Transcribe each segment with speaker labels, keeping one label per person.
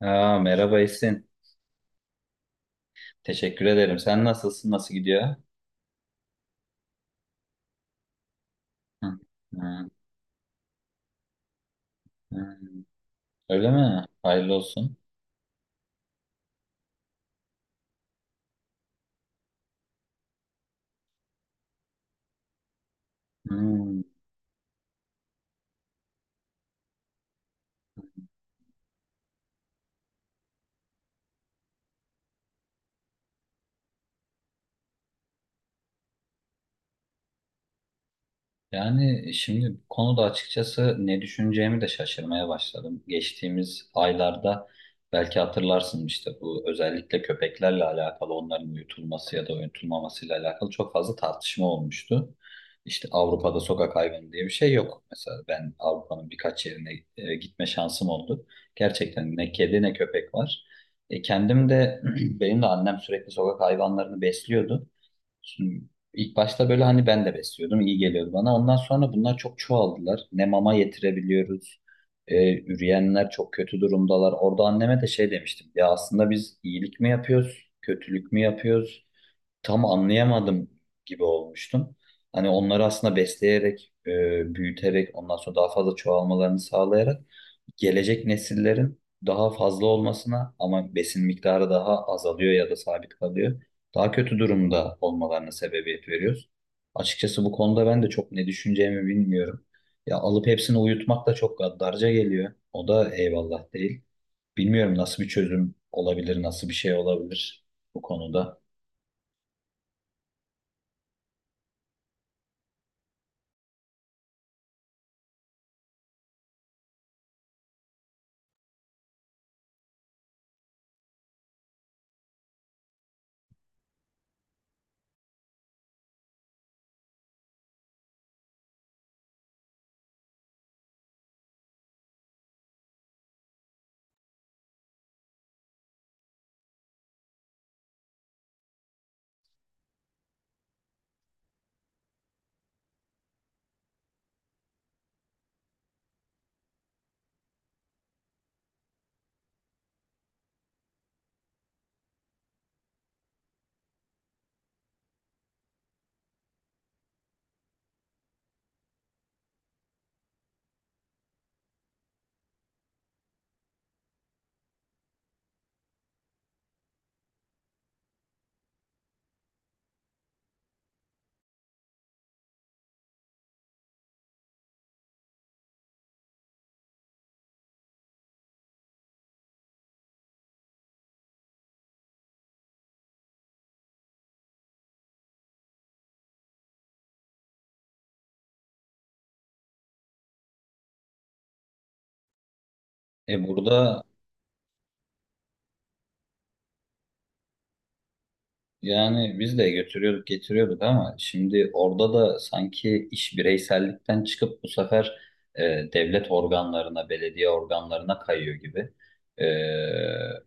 Speaker 1: Aa, merhaba Esin. Teşekkür ederim. Sen nasılsın? Nasıl gidiyor? Hı, hı, hı. Öyle mi? Hayırlı olsun. Hı. Yani şimdi bu konuda açıkçası ne düşüneceğimi de şaşırmaya başladım. Geçtiğimiz aylarda belki hatırlarsın işte bu özellikle köpeklerle alakalı onların uyutulması ya da uyutulmamasıyla alakalı çok fazla tartışma olmuştu. İşte Avrupa'da sokak hayvanı diye bir şey yok. Mesela ben Avrupa'nın birkaç yerine gitme şansım oldu. Gerçekten ne kedi ne köpek var. Kendim de benim de annem sürekli sokak hayvanlarını besliyordu. İlk başta böyle hani ben de besliyordum, iyi geliyordu bana. Ondan sonra bunlar çok çoğaldılar. Ne mama yetirebiliyoruz, üreyenler çok kötü durumdalar. Orada anneme de şey demiştim, ya aslında biz iyilik mi yapıyoruz, kötülük mü yapıyoruz? Tam anlayamadım gibi olmuştum. Hani onları aslında besleyerek, büyüterek, ondan sonra daha fazla çoğalmalarını sağlayarak gelecek nesillerin daha fazla olmasına ama besin miktarı daha azalıyor ya da sabit kalıyor. Daha kötü durumda olmalarına sebebiyet veriyoruz. Açıkçası bu konuda ben de çok ne düşüneceğimi bilmiyorum. Ya alıp hepsini uyutmak da çok gaddarca geliyor. O da eyvallah değil. Bilmiyorum nasıl bir çözüm olabilir, nasıl bir şey olabilir bu konuda. E burada Yani biz de götürüyorduk, getiriyorduk ama şimdi orada da sanki iş bireysellikten çıkıp bu sefer e, devlet organlarına, belediye organlarına kayıyor gibi. E,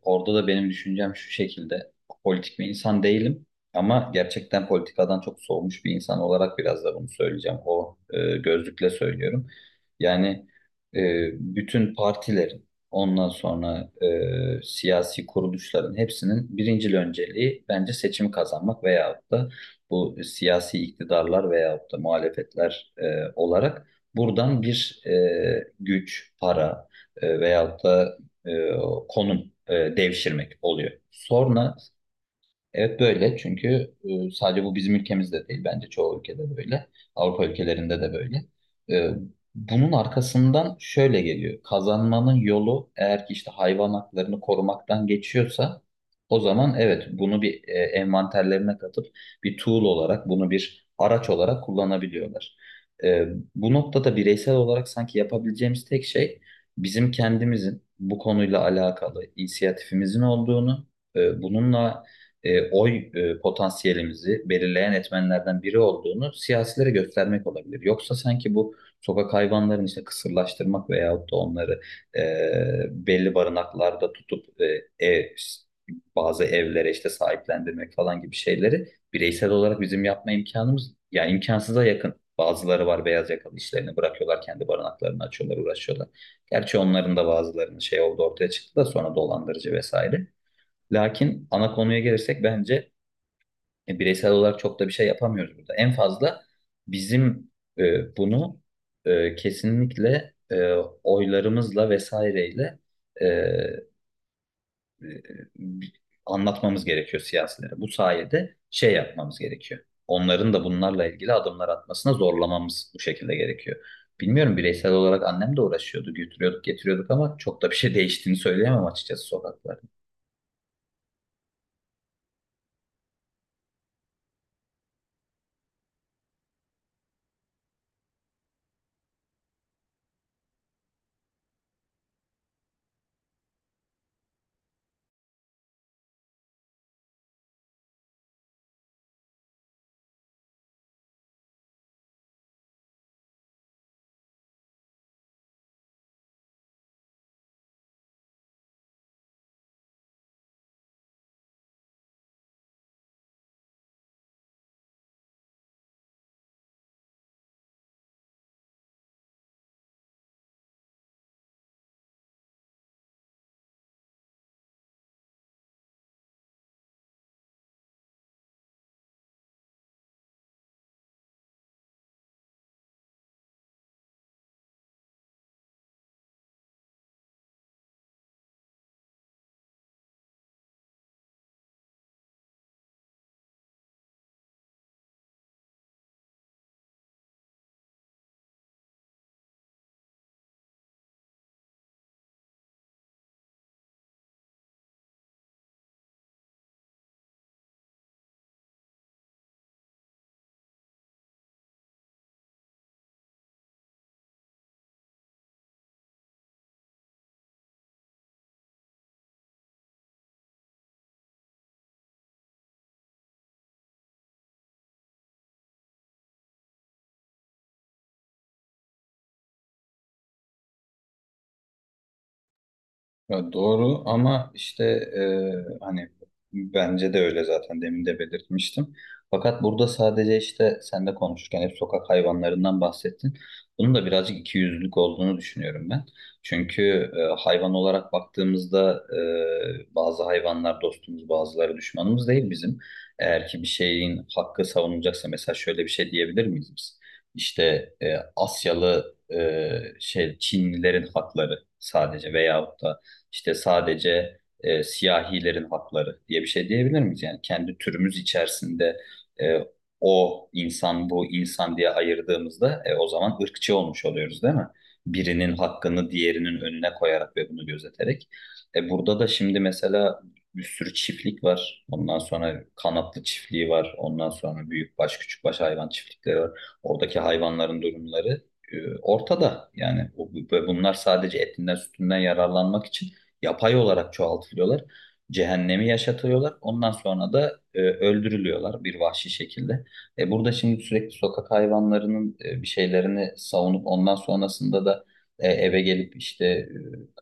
Speaker 1: Orada da benim düşüncem şu şekilde. Politik bir insan değilim ama gerçekten politikadan çok soğumuş bir insan olarak biraz da bunu söyleyeceğim. O gözlükle söylüyorum. Yani e, bütün partilerin, ondan sonra siyasi kuruluşların hepsinin birincil önceliği bence seçimi kazanmak veyahut da bu siyasi iktidarlar veyahut da muhalefetler olarak buradan bir güç, para, veyahut da e, konum devşirmek oluyor. Evet, böyle, çünkü sadece bu bizim ülkemizde değil, bence çoğu ülkede böyle. Avrupa ülkelerinde de böyle. E, Bunun arkasından şöyle geliyor. Kazanmanın yolu eğer ki işte hayvan haklarını korumaktan geçiyorsa, o zaman evet, bunu bir envanterlerine katıp bir tool olarak, bunu bir araç olarak kullanabiliyorlar. E, Bu noktada bireysel olarak sanki yapabileceğimiz tek şey, bizim kendimizin bu konuyla alakalı inisiyatifimizin olduğunu, bununla oy potansiyelimizi belirleyen etmenlerden biri olduğunu siyasilere göstermek olabilir. Yoksa sanki bu sokak hayvanlarını işte kısırlaştırmak veyahut da onları belli barınaklarda tutup bazı evlere işte sahiplendirmek falan gibi şeyleri bireysel olarak bizim yapma imkanımız, yani imkansıza yakın. Bazıları var, beyaz yakalı işlerini bırakıyorlar, kendi barınaklarını açıyorlar, uğraşıyorlar. Gerçi onların da bazılarının şey oldu, ortaya çıktı da sonra dolandırıcı vesaire. Lakin ana konuya gelirsek, bence bireysel olarak çok da bir şey yapamıyoruz burada. En fazla bizim bunu e, kesinlikle e, oylarımızla vesaireyle e, e, bi- anlatmamız gerekiyor siyasilere. Bu sayede şey yapmamız gerekiyor. Onların da bunlarla ilgili adımlar atmasına zorlamamız bu şekilde gerekiyor. Bilmiyorum, bireysel olarak annem de uğraşıyordu, götürüyorduk, getiriyorduk ama çok da bir şey değiştiğini söyleyemem açıkçası sokaklarda. Ya, doğru ama işte hani bence de öyle, zaten demin de belirtmiştim. Fakat burada sadece işte sen de konuşurken hep sokak hayvanlarından bahsettin. Bunun da birazcık ikiyüzlülük olduğunu düşünüyorum ben. Çünkü hayvan olarak baktığımızda bazı hayvanlar dostumuz, bazıları düşmanımız değil bizim. Eğer ki bir şeyin hakkı savunulacaksa, mesela şöyle bir şey diyebilir miyiz biz? İşte Asyalı Çinlilerin hakları sadece, veyahut da işte sadece siyahilerin hakları diye bir şey diyebilir miyiz? Yani kendi türümüz içerisinde e, o insan bu insan diye ayırdığımızda o zaman ırkçı olmuş oluyoruz, değil mi? Birinin hakkını diğerinin önüne koyarak ve bunu gözeterek. Burada da şimdi mesela bir sürü çiftlik var. Ondan sonra kanatlı çiftliği var. Ondan sonra büyükbaş, küçükbaş hayvan çiftlikleri var. Oradaki hayvanların durumları e, ortada. Yani bunlar sadece etinden sütünden yararlanmak için yapay olarak çoğaltılıyorlar. Cehennemi yaşatıyorlar. Ondan sonra da öldürülüyorlar bir vahşi şekilde. Burada şimdi sürekli sokak hayvanlarının bir şeylerini savunup ondan sonrasında da eve gelip işte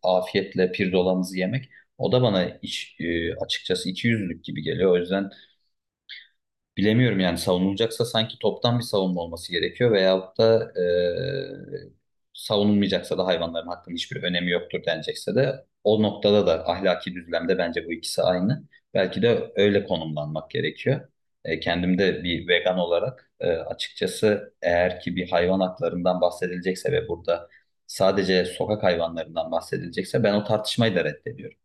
Speaker 1: afiyetle pirzolamızı yemek, o da bana açıkçası ikiyüzlülük gibi geliyor. O yüzden bilemiyorum, yani savunulacaksa sanki toptan bir savunma olması gerekiyor, veyahut da savunulmayacaksa da hayvanların hakkının hiçbir önemi yoktur denecekse de, o noktada da ahlaki düzlemde bence bu ikisi aynı. Belki de öyle konumlanmak gerekiyor. Kendim de bir vegan olarak açıkçası eğer ki bir hayvan haklarından bahsedilecekse ve burada sadece sokak hayvanlarından bahsedilecekse, ben o tartışmayı da reddediyorum.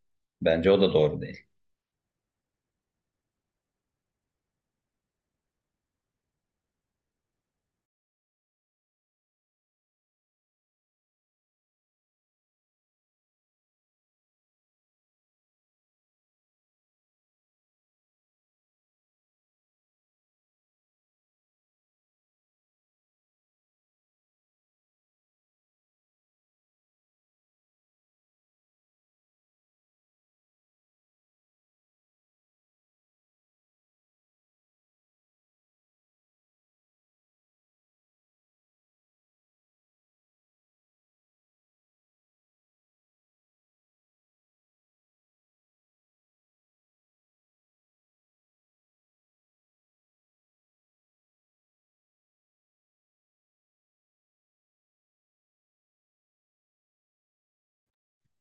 Speaker 1: Bence o da doğru değil.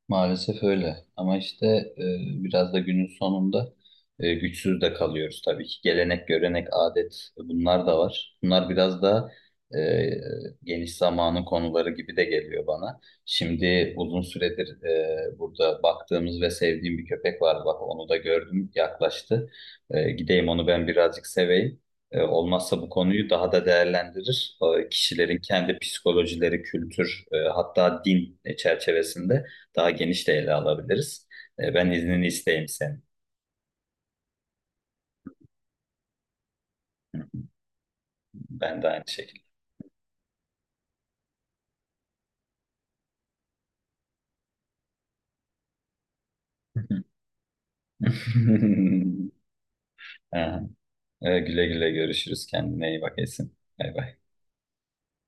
Speaker 1: Maalesef öyle. Ama işte biraz da günün sonunda güçsüz de kalıyoruz tabii ki. Gelenek, görenek, adet, bunlar da var. Bunlar biraz da e, geniş zamanın konuları gibi de geliyor bana. Şimdi uzun süredir burada baktığımız ve sevdiğim bir köpek var. Bak, onu da gördüm, yaklaştı. Gideyim, onu ben birazcık seveyim. Olmazsa bu konuyu daha da değerlendirir. Kişilerin kendi psikolojileri, kültür, hatta din çerçevesinde daha geniş de ele alabiliriz. Ben iznini isteyeyim senin. Ben de aynı şekilde. Ha, güle güle, görüşürüz. Kendine iyi bak Esin. Bay bay.